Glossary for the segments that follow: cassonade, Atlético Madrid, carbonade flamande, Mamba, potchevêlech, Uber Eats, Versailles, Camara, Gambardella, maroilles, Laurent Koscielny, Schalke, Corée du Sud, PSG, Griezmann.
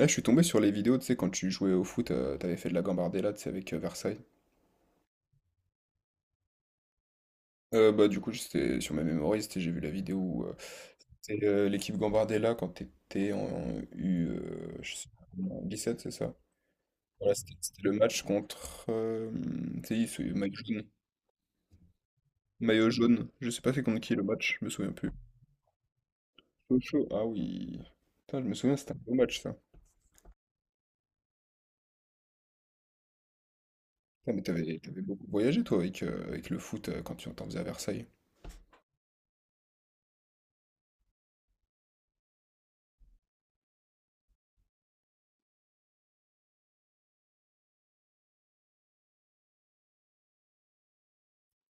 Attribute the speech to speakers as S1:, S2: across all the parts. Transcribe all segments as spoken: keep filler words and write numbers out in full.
S1: Là, je suis tombé sur les vidéos, tu sais, quand tu jouais au foot, euh, t'avais fait de la Gambardella, tu sais, avec euh, Versailles. Euh, bah, du coup, j'étais sur ma mémoire, c'était- j'ai vu la vidéo où euh, c'est euh, l'équipe Gambardella quand t'étais en U, euh, je sais pas, en dix-sept, c'est ça? Voilà, c'était c'était le match contre. euh, tu sais, ce maillot jaune. Maillot jaune, je sais pas c'est contre qui le match, je me souviens plus. Chaud, ah oui. Putain, je me souviens, c'était un beau match, ça. Putain, mais t'avais t'avais beaucoup voyagé, toi, avec, euh, avec le foot euh, quand tu t'en faisais à Versailles.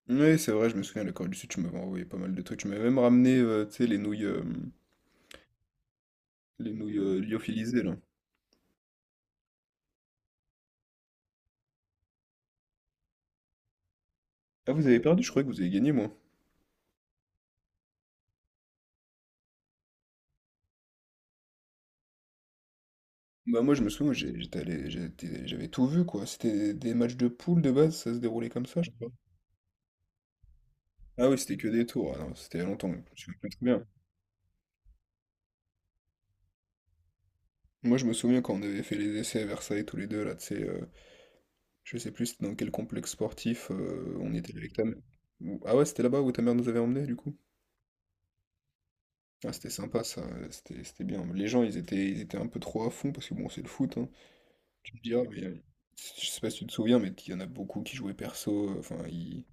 S1: Oui, c'est vrai, je me souviens, la Corée du Sud, tu m'avais envoyé pas mal de trucs. Tu m'avais même ramené, euh, tu sais, les nouilles, euh, les nouilles euh, lyophilisées, là. Ah, vous avez perdu, je croyais que vous avez gagné, moi. Bah, moi, je me souviens, j'ai- j'étais allé, j'étais- j'avais tout vu, quoi. C'était des matchs de poule de base, ça se déroulait comme ça, je crois. Ah oui, c'était que des tours, ah non, c'était il y a longtemps, je me souviens plus très bien. Moi, je me souviens quand on avait fait les essais à Versailles, tous les deux, là, tu sais, euh, je sais plus c'était dans quel complexe sportif euh, on était avec ta mère. Ou- Ah ouais, c'était là-bas où ta mère nous avait emmenés, du coup? Ah, c'était sympa ça, euh, c'était c'était bien. Les gens, ils étaient, ils étaient un peu trop à fond parce que bon, c'est le foot, hein. Tu me diras, mais euh, je sais pas si tu te souviens, mais il y en a beaucoup qui jouaient perso. euh, Enfin, ils,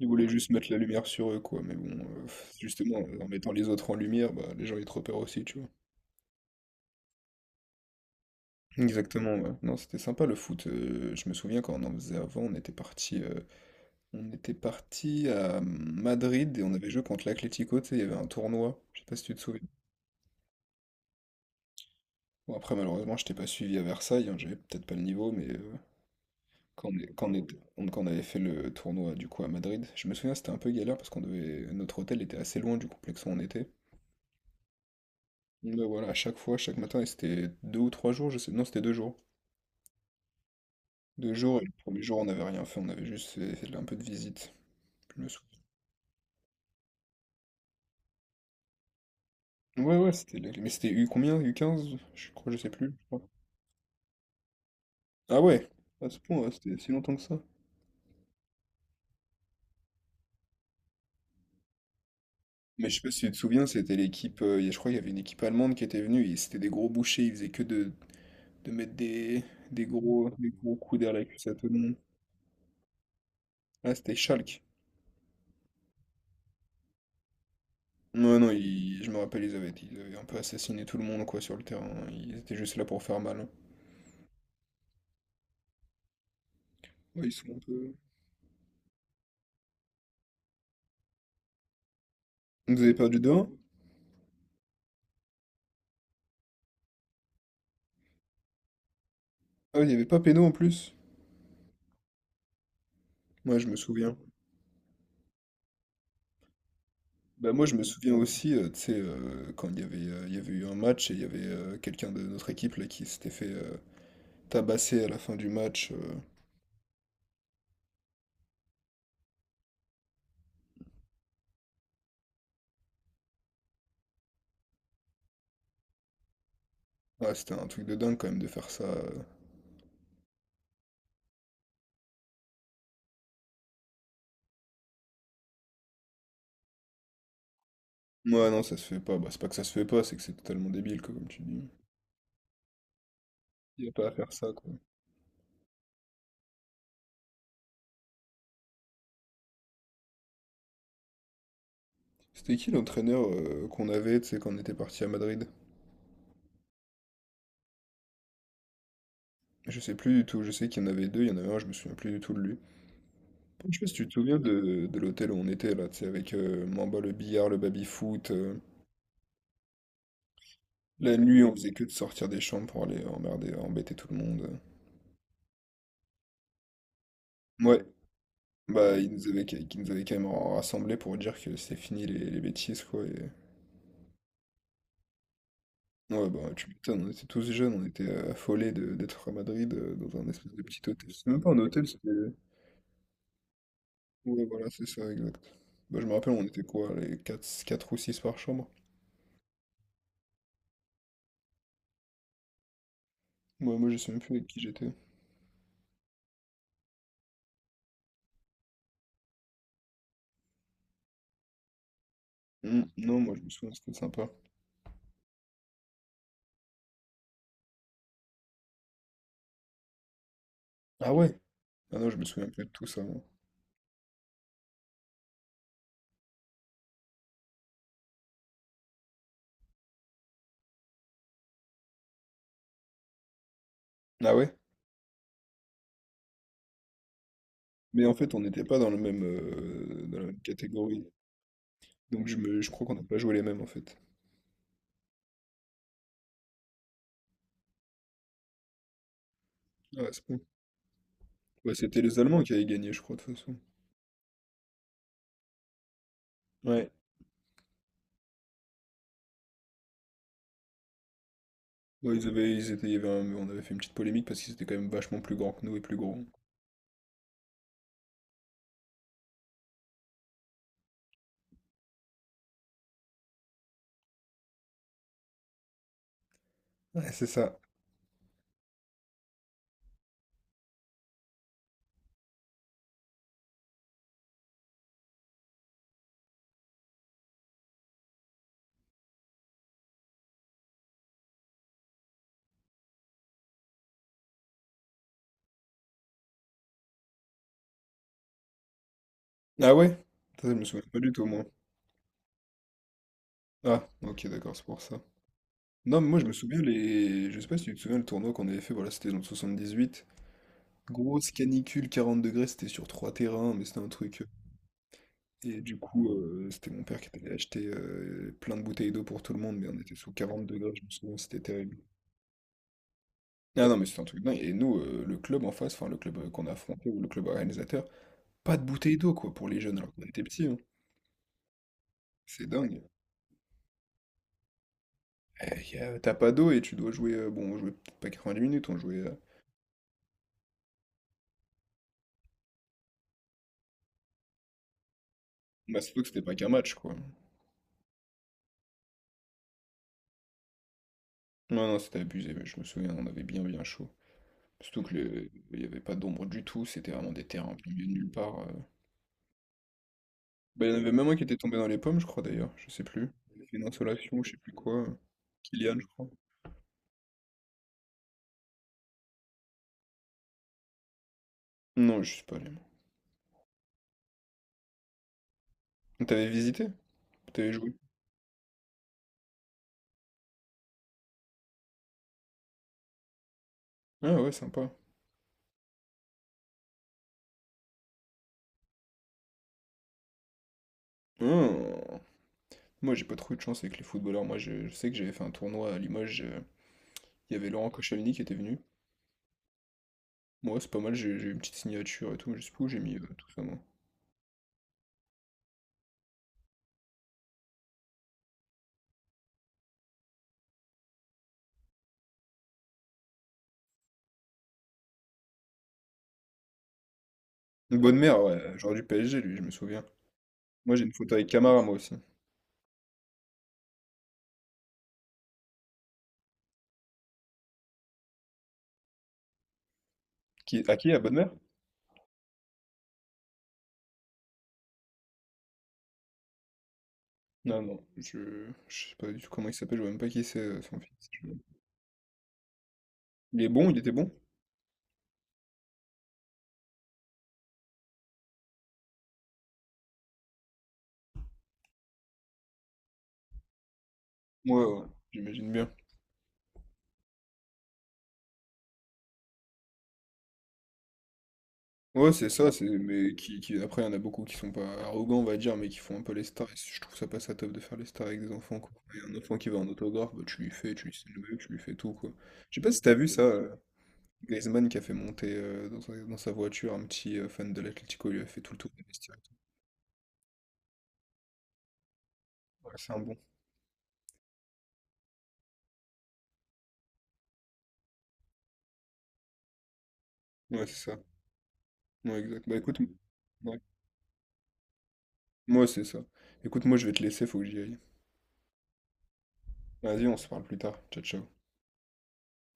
S1: ils voulaient juste mettre la lumière sur eux, quoi. Mais bon, euh, justement, euh, en mettant les autres en lumière, bah, les gens ils te repèrent aussi, tu vois. Exactement, ouais. Non, c'était sympa le foot. Euh, je me souviens quand on en faisait avant, on était parti, euh, on était parti à Madrid et on avait joué contre l'Atlético, tu sais, il y avait un tournoi. Je sais pas si tu te souviens. Bon, après, malheureusement, je t'ai pas suivi à Versailles, hein, j'avais peut-être pas le niveau, mais euh, Quand on, est- quand on est- on- quand on avait fait le tournoi du coup à Madrid, je me souviens c'était un peu galère parce qu'on devait notre hôtel était assez loin du complexe où on était. Mais voilà, à chaque fois, chaque matin, et c'était deux ou trois jours, je sais. Non, c'était deux jours. Deux jours, et le premier jour on n'avait rien fait, on avait juste fait, fait un peu de visite. Je me souviens. Ouais, ouais, c'était. la- Mais c'était U combien? U quinze, je crois, je sais plus. Je crois. Ah ouais, à ce point, ouais, c'était si longtemps que ça. Mais je sais pas si tu te souviens, c'était l'équipe, euh, y a- je crois qu'il y avait une équipe allemande qui était venue, et c'était des gros bouchers, ils faisaient que de de mettre des, des gros, des gros coups derrière la cuisse à tout le monde. Ah, c'était Schalke. Non, non, ils- je me rappelle, ils avaient, ils avaient un peu assassiné tout le monde, quoi, sur le terrain. Ils étaient juste là pour faire mal, hein. Ouais, ils sont un peu... Vous avez perdu deux un. Ah, il n'y avait pas péno en plus. Moi, je me souviens. Bah, moi, je me souviens aussi, euh, tu sais, euh, quand il y avait, euh, il y avait eu un match et il y avait euh, quelqu'un de notre équipe là, qui s'était fait euh, tabasser à la fin du match. euh. Ah, c'était un truc de dingue quand même de faire ça. euh. Ouais, non, ça se fait pas. Bah, c'est pas que ça se fait pas, c'est que c'est totalement débile, quoi, comme tu dis. Il n'y a pas à faire ça, quoi. C'était qui l'entraîneur euh, qu'on avait, tu sais, quand on était parti à Madrid? Je sais plus du tout, je sais qu'il y en avait deux, il y en avait un, je me souviens plus du tout de lui. Je sais pas si tu te souviens de, de l'hôtel où on était, là, tu sais, avec euh, Mamba le billard, le baby-foot. euh, La nuit, on faisait que de sortir des chambres pour aller emmerder, embêter tout le monde. Ouais, bah, ils nous avaient, qui nous avaient quand même rassemblés pour dire que c'était fini les, les bêtises, quoi. et- Ouais, bah, tu m'étonnes, on était tous jeunes, on était affolés de- d'être à Madrid, euh, dans un espèce de petit hôtel. C'était même pas un hôtel, c'était... Ouais, voilà, c'est ça, exact. Bah, je me rappelle, on était quoi, les quatre quatre ou six par chambre? Moi, moi, je sais même plus avec qui j'étais. Hmm, Non, moi, je me souviens, c'était sympa. Ah ouais? Ah non, je me souviens plus de tout ça, moi. Ah ouais? Mais en fait, on n'était pas dans le même, euh, dans la même catégorie. Donc, je, me, je crois qu'on n'a pas joué les mêmes, en fait. Ah, c'est bon. Ouais, c'était les Allemands qui avaient gagné, je crois, de toute façon. Ouais. Ouais, ils avaient, ils étaient, il y avait un- on avait fait une petite polémique parce qu'ils étaient quand même vachement plus grands que nous et plus gros. Ouais, c'est ça. Ah ouais? Ça, je me souviens pas du tout, moi. Ah, ok, d'accord, c'est pour ça. Non, mais moi je me souviens, les... je sais pas si tu te souviens le tournoi qu'on avait fait, voilà, c'était dans le soixante-dix-huit. Grosse canicule, quarante degrés, c'était sur trois terrains, mais c'était un truc. euh, Et du coup, euh, c'était mon père qui était allé acheter euh, plein de bouteilles d'eau pour tout le monde, mais on était sous quarante degrés, je me souviens, c'était terrible. Ah non, mais c'était un truc dingue. Et nous, euh, le club en face, enfin le club euh, qu'on a affronté, ou le club organisateur, pas de bouteilles d'eau quoi pour les jeunes alors qu'on était petits, hein. C'est dingue. Euh, y a- T'as pas d'eau et tu dois jouer, euh, bon, on jouait peut-être pas quatre-vingt-dix minutes, on jouait. euh, Bah, surtout que c'était pas qu'un match quoi. Non, non, c'était abusé, mais je me souviens, on avait bien bien chaud. Surtout que le- il n'y avait pas d'ombre du tout, c'était vraiment des terrains en milieu de nulle part. euh. Bah, il y en avait même un qui était tombé dans les pommes, je crois d'ailleurs, je sais plus. Il avait fait une insolation, ou je sais plus quoi. euh, Kylian, je crois. Non, je suis pas allé, moi. T'avais visité? T'avais joué? Ah ouais, sympa. Ah. Moi, j'ai pas trop eu de chance avec les footballeurs. Moi, je, je sais que j'avais fait un tournoi à Limoges. euh, Il y avait Laurent Koscielny qui était venu. Moi, c'est pas mal, j'ai j'ai eu une petite signature et tout, mais je sais plus où j'ai mis euh, tout ça, moi. Une bonne mère, ouais, genre du P S G, lui, je me souviens. Moi, j'ai une photo avec Camara, moi aussi. Qui... À qui? À Bonne Mère? Non, non, je... je sais pas du tout comment il s'appelle, je vois même pas qui c'est, euh, son fils. Je- Il est bon, il était bon? Ouais, ouais, j'imagine bien. Ouais, c'est ça, c'est... Mais qui... qui- après, il y en a beaucoup qui sont pas arrogants, on va dire, mais qui font un peu les stars. Et je trouve ça pas ça top de faire les stars avec des enfants, quoi. Et un enfant qui veut un autographe, bah, tu lui fais, tu lui signes tu lui fais tout, quoi. Je sais pas si t'as vu ça, euh, Griezmann qui a fait monter euh, dans sa... dans sa voiture un petit euh, fan de l'Atlético, il lui a fait tout le tour des vestiaires et tout. Ouais, c'est un bon. Ouais, c'est ça. Ouais, exact. Bah écoute... ouais, Moi, c'est ça. Écoute, moi, je vais te laisser, faut que j'y aille. Vas-y, on se parle plus tard. Ciao, ciao.